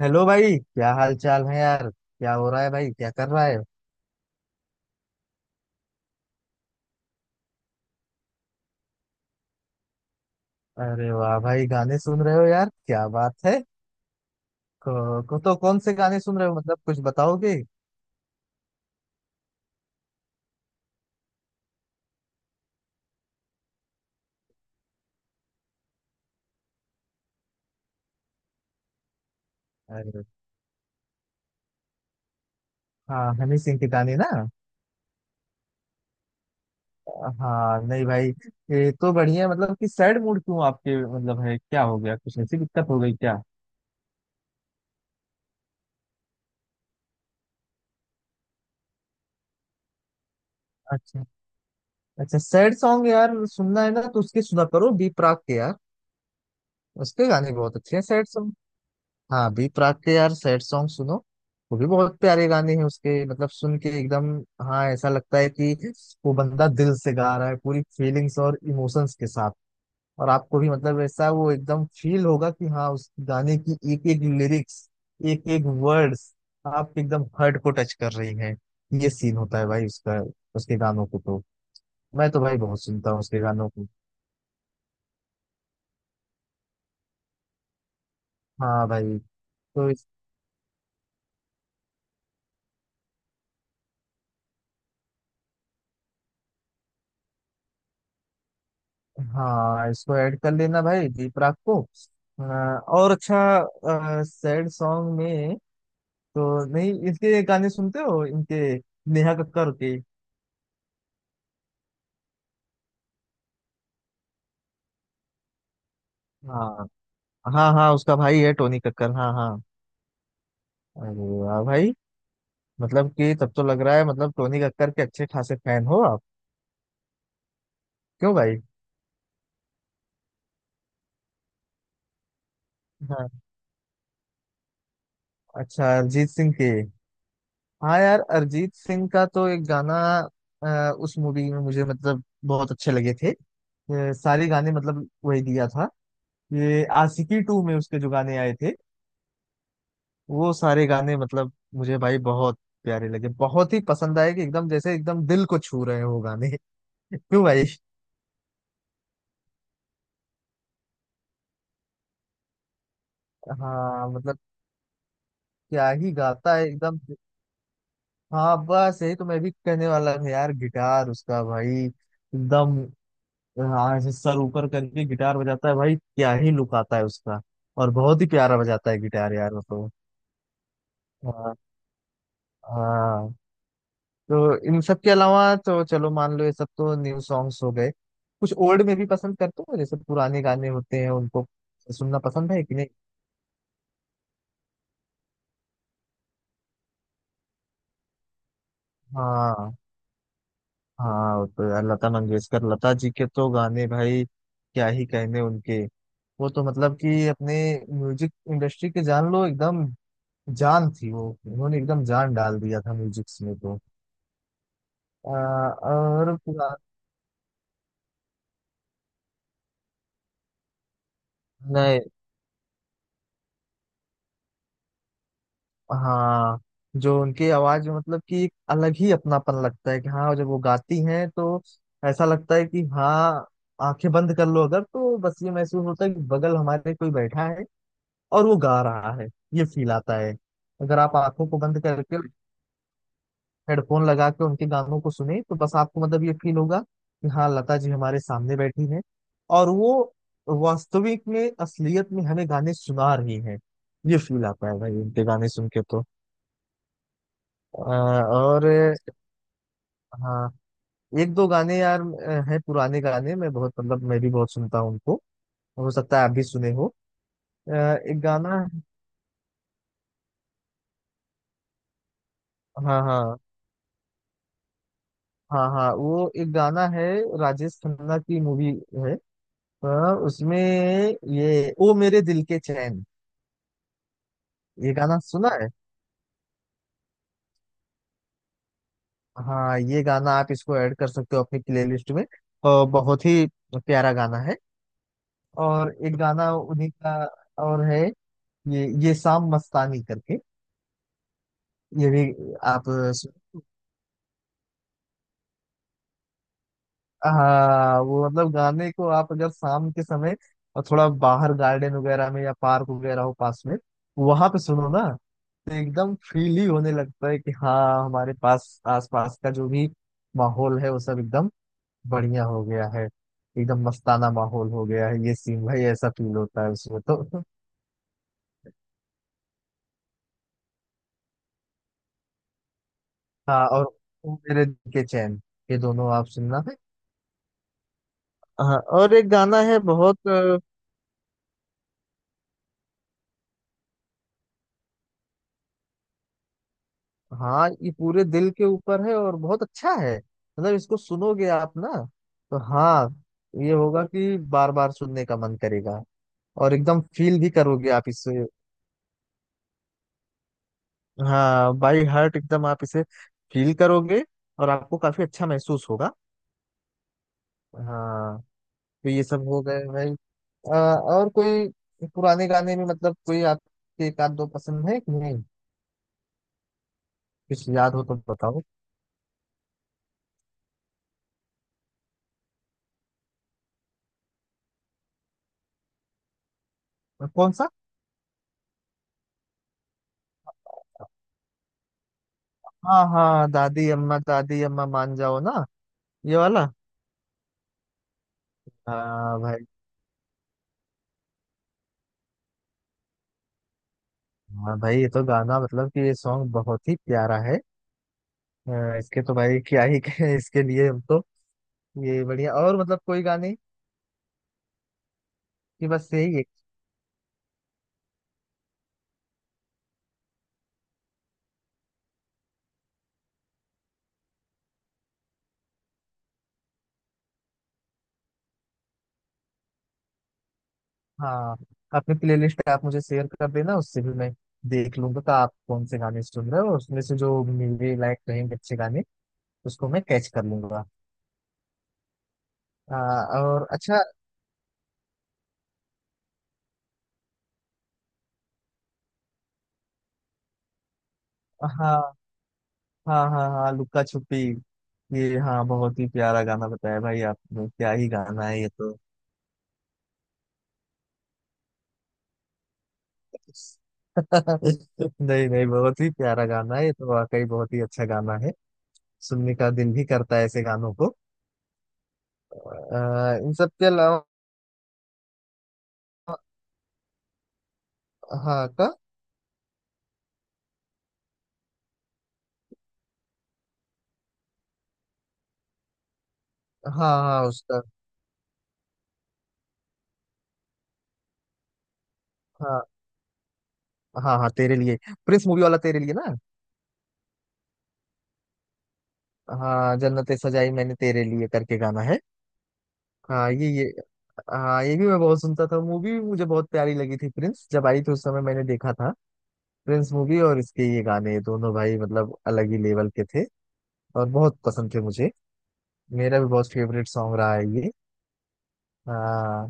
Hello भाई, क्या हाल चाल है यार। क्या हो रहा है भाई, क्या कर रहा है? अरे वाह भाई, गाने सुन रहे हो यार, क्या बात है। को तो कौन से गाने सुन रहे हो, मतलब कुछ बताओगे? अरे हाँ, हनी सिंह के गाने ना? हाँ नहीं भाई, ये तो बढ़िया है, मतलब कि सैड मूड क्यों आपके, मतलब है क्या, हो गया कुछ ऐसी दिक्कत हो गई क्या? अच्छा, अच्छा सैड सॉन्ग यार सुनना है ना तो उसके सुना करो बी प्राक के यार। उसके गाने बहुत अच्छे हैं सैड। हाँ बी प्राक के यार सैड सॉन्ग सुनो। वो भी बहुत प्यारे गाने हैं उसके, मतलब सुन के एकदम, हाँ ऐसा लगता है कि वो बंदा दिल से गा रहा है पूरी फीलिंग्स और इमोशंस के साथ। और आपको भी मतलब ऐसा वो एकदम फील होगा कि हाँ उस गाने की एक एक लिरिक्स, एक एक वर्ड्स आप एकदम हर्ट को टच कर रही हैं। ये सीन होता है भाई उसका, उसके गानों को तो। मैं तो भाई बहुत सुनता हूँ उसके गानों को। हाँ भाई। तो हाँ, इसको ऐड कर लेना भाई दीप राग को। और अच्छा सैड सॉन्ग में तो नहीं इसके गाने सुनते हो इनके, नेहा कक्कर के? हाँ हाँ हाँ, उसका भाई है टोनी कक्कर, हाँ हाँ। अरे वाह भाई, मतलब कि तब तो लग रहा है मतलब टोनी कक्कर के अच्छे खासे फैन हो आप। क्यों भाई? हाँ। अच्छा अरिजीत सिंह के, हाँ यार अरिजीत सिंह का तो एक गाना उस मूवी में मुझे मतलब बहुत अच्छे लगे थे। सारे गाने मतलब वही दिया था, ये आशिकी टू में उसके जो गाने आए थे, वो सारे गाने मतलब मुझे भाई बहुत प्यारे लगे, बहुत ही पसंद आए कि एकदम जैसे एकदम दिल को छू रहे हो गाने क्यों भाई? हाँ मतलब क्या ही गाता है एकदम। हाँ बस यही तो मैं भी कहने वाला हूँ यार, गिटार उसका भाई एकदम, हाँ ऐसे सर ऊपर करके गिटार बजाता है भाई, क्या ही लुक आता है उसका। और बहुत ही प्यारा बजाता है गिटार यार वो तो। हाँ। हाँ तो इन सब के अलावा तो चलो मान लो ये सब तो न्यू सॉन्ग्स हो गए, कुछ ओल्ड में भी पसंद करते हो? जैसे पुराने गाने होते हैं उनको सुनना पसंद है कि नहीं? हाँ हाँ, वो तो यार लता मंगेशकर, लता जी के तो गाने भाई क्या ही कहने उनके। वो तो मतलब कि अपने म्यूजिक इंडस्ट्री के जान लो एकदम, जान थी वो, उन्होंने एकदम जान डाल दिया था म्यूजिक में तो। और नहीं, हाँ जो उनकी आवाज में मतलब कि एक अलग ही अपनापन लगता है कि हाँ, जब वो गाती हैं तो ऐसा लगता है कि हाँ, आंखें बंद कर लो अगर तो बस ये महसूस होता है कि बगल हमारे कोई बैठा है और वो गा रहा है, ये फील आता है। अगर आप आंखों को बंद करके हेडफोन लगा के उनके गानों को सुने तो बस आपको मतलब ये फील होगा कि हाँ लता जी हमारे सामने बैठी हैं, और वो वास्तविक में, असलियत में हमें गाने सुना रही हैं। ये फील आता है भाई उनके गाने सुन के तो। और हाँ, एक दो गाने यार हैं पुराने गाने, मैं बहुत मतलब मैं भी बहुत सुनता हूँ उनको। हो सकता है आप भी सुने हो। अ, एक गाना, हाँ हाँ। हाँ हाँ वो एक गाना है, राजेश खन्ना की मूवी है, अ, उसमें ये ओ मेरे दिल के चैन, ये गाना सुना है? हाँ ये गाना आप इसको ऐड कर सकते हो अपनी प्लेलिस्ट में, और बहुत ही प्यारा गाना है। और एक गाना उन्हीं का और है, ये शाम मस्तानी करके, ये भी आप सु- हाँ वो मतलब गाने को आप अगर शाम के समय और थोड़ा बाहर गार्डन वगैरह में या पार्क वगैरह हो पास में वहां पे सुनो ना तो एकदम फील ही होने लगता है कि हाँ हमारे पास आसपास का जो भी माहौल है वो सब एकदम बढ़िया हो गया है, एकदम मस्ताना माहौल हो गया है, ये सीन भाई ऐसा फील होता है उसमें तो हाँ और ओ मेरे दिल के चैन, ये दोनों आप सुनना। हाँ और एक गाना है बहुत। हाँ ये पूरे दिल के ऊपर है और बहुत अच्छा है, मतलब इसको सुनोगे आप ना तो हाँ ये होगा कि बार बार सुनने का मन करेगा और एकदम फील भी करोगे आप इसे। हाँ बाई हार्ट एकदम आप इसे फील करोगे, और आपको काफी अच्छा महसूस होगा। हाँ। तो ये सब हो गए भाई। और कोई पुराने गाने में मतलब कोई आपके एक आध दो पसंद है कि नहीं, कुछ याद हो तो बताओ। कौन सा? हाँ हाँ, दादी अम्मा मान जाओ ना, ये वाला। हाँ भाई। हाँ भाई ये तो गाना मतलब कि ये सॉन्ग बहुत ही प्यारा है। इसके तो भाई क्या ही कहें इसके लिए, हम तो ये बढ़िया और मतलब कोई गाने कि बस यही एक। हाँ, अपनी प्लेलिस्ट आप मुझे शेयर कर देना, उससे भी मैं देख लूंगा कि आप कौन से गाने सुन रहे हो, उसमें से जो मेरे लायक रहेंगे अच्छे गाने उसको मैं कैच कर लूंगा। हाँ, और अच्छा। हाँ हाँ हाँ हाँ लुक्का छुपी, ये हाँ, बहुत ही प्यारा गाना बताया भाई आपने, क्या ही गाना है ये तो। नहीं नहीं, बहुत ही प्यारा गाना है ये तो, वाकई बहुत ही अच्छा गाना है। सुनने का दिल भी करता है ऐसे गानों को। इन सब के अलावा हाँ का, हाँ हाँ उसका। हाँ हाँ हाँ तेरे लिए, प्रिंस मूवी वाला तेरे लिए ना? हाँ, जन्नतें सजाई मैंने तेरे लिए करके गाना है। हाँ ये, हाँ ये भी मैं बहुत सुनता था, मूवी भी मुझे बहुत प्यारी लगी थी, प्रिंस जब आई थी उस समय मैंने देखा था। प्रिंस मूवी और इसके ये गाने दोनों भाई मतलब अलग ही लेवल के थे, और बहुत पसंद थे मुझे, मेरा भी बहुत फेवरेट सॉन्ग रहा है ये। हाँ।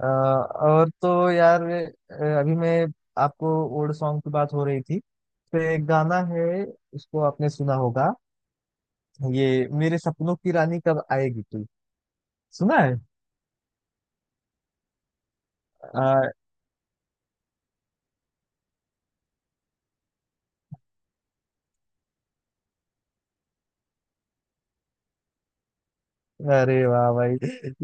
और तो यार अभी मैं आपको ओल्ड सॉन्ग की बात हो रही थी तो एक गाना है उसको आपने सुना होगा, ये मेरे सपनों की रानी कब आएगी तू, सुना है? आ, अरे वाह भाई।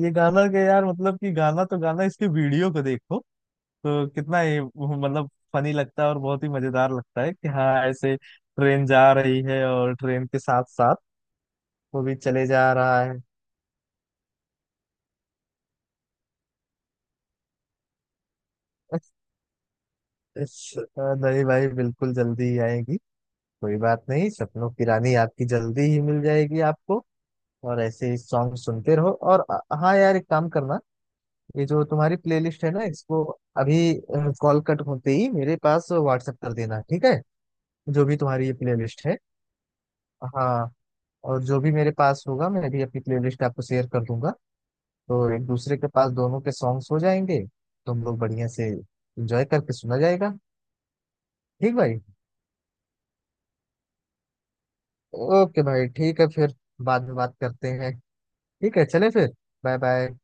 ये गाना के यार मतलब कि गाना तो गाना, इसके वीडियो को देखो तो कितना ये मतलब फनी लगता है और बहुत ही मजेदार लगता है कि हाँ ऐसे ट्रेन जा रही है और ट्रेन के साथ साथ वो भी चले जा रहा है नहीं भाई बिल्कुल जल्दी ही आएगी, कोई बात नहीं, सपनों की रानी आपकी जल्दी ही मिल जाएगी आपको। और ऐसे ही सॉन्ग सुनते रहो। और हाँ यार एक काम करना, ये जो तुम्हारी प्लेलिस्ट है ना इसको अभी कॉल कट होते ही मेरे पास व्हाट्सएप कर देना, ठीक है? जो भी तुम्हारी ये प्लेलिस्ट है। हाँ, और जो भी मेरे पास होगा मैं भी अपनी प्लेलिस्ट आपको शेयर कर दूंगा, तो एक दूसरे के पास दोनों के सॉन्ग्स हो जाएंगे, तुम लोग बढ़िया से एंजॉय करके सुना जाएगा। ठीक भाई। ओके भाई ठीक है फिर, बाद में बात करते हैं। ठीक है चले फिर, बाय बाय।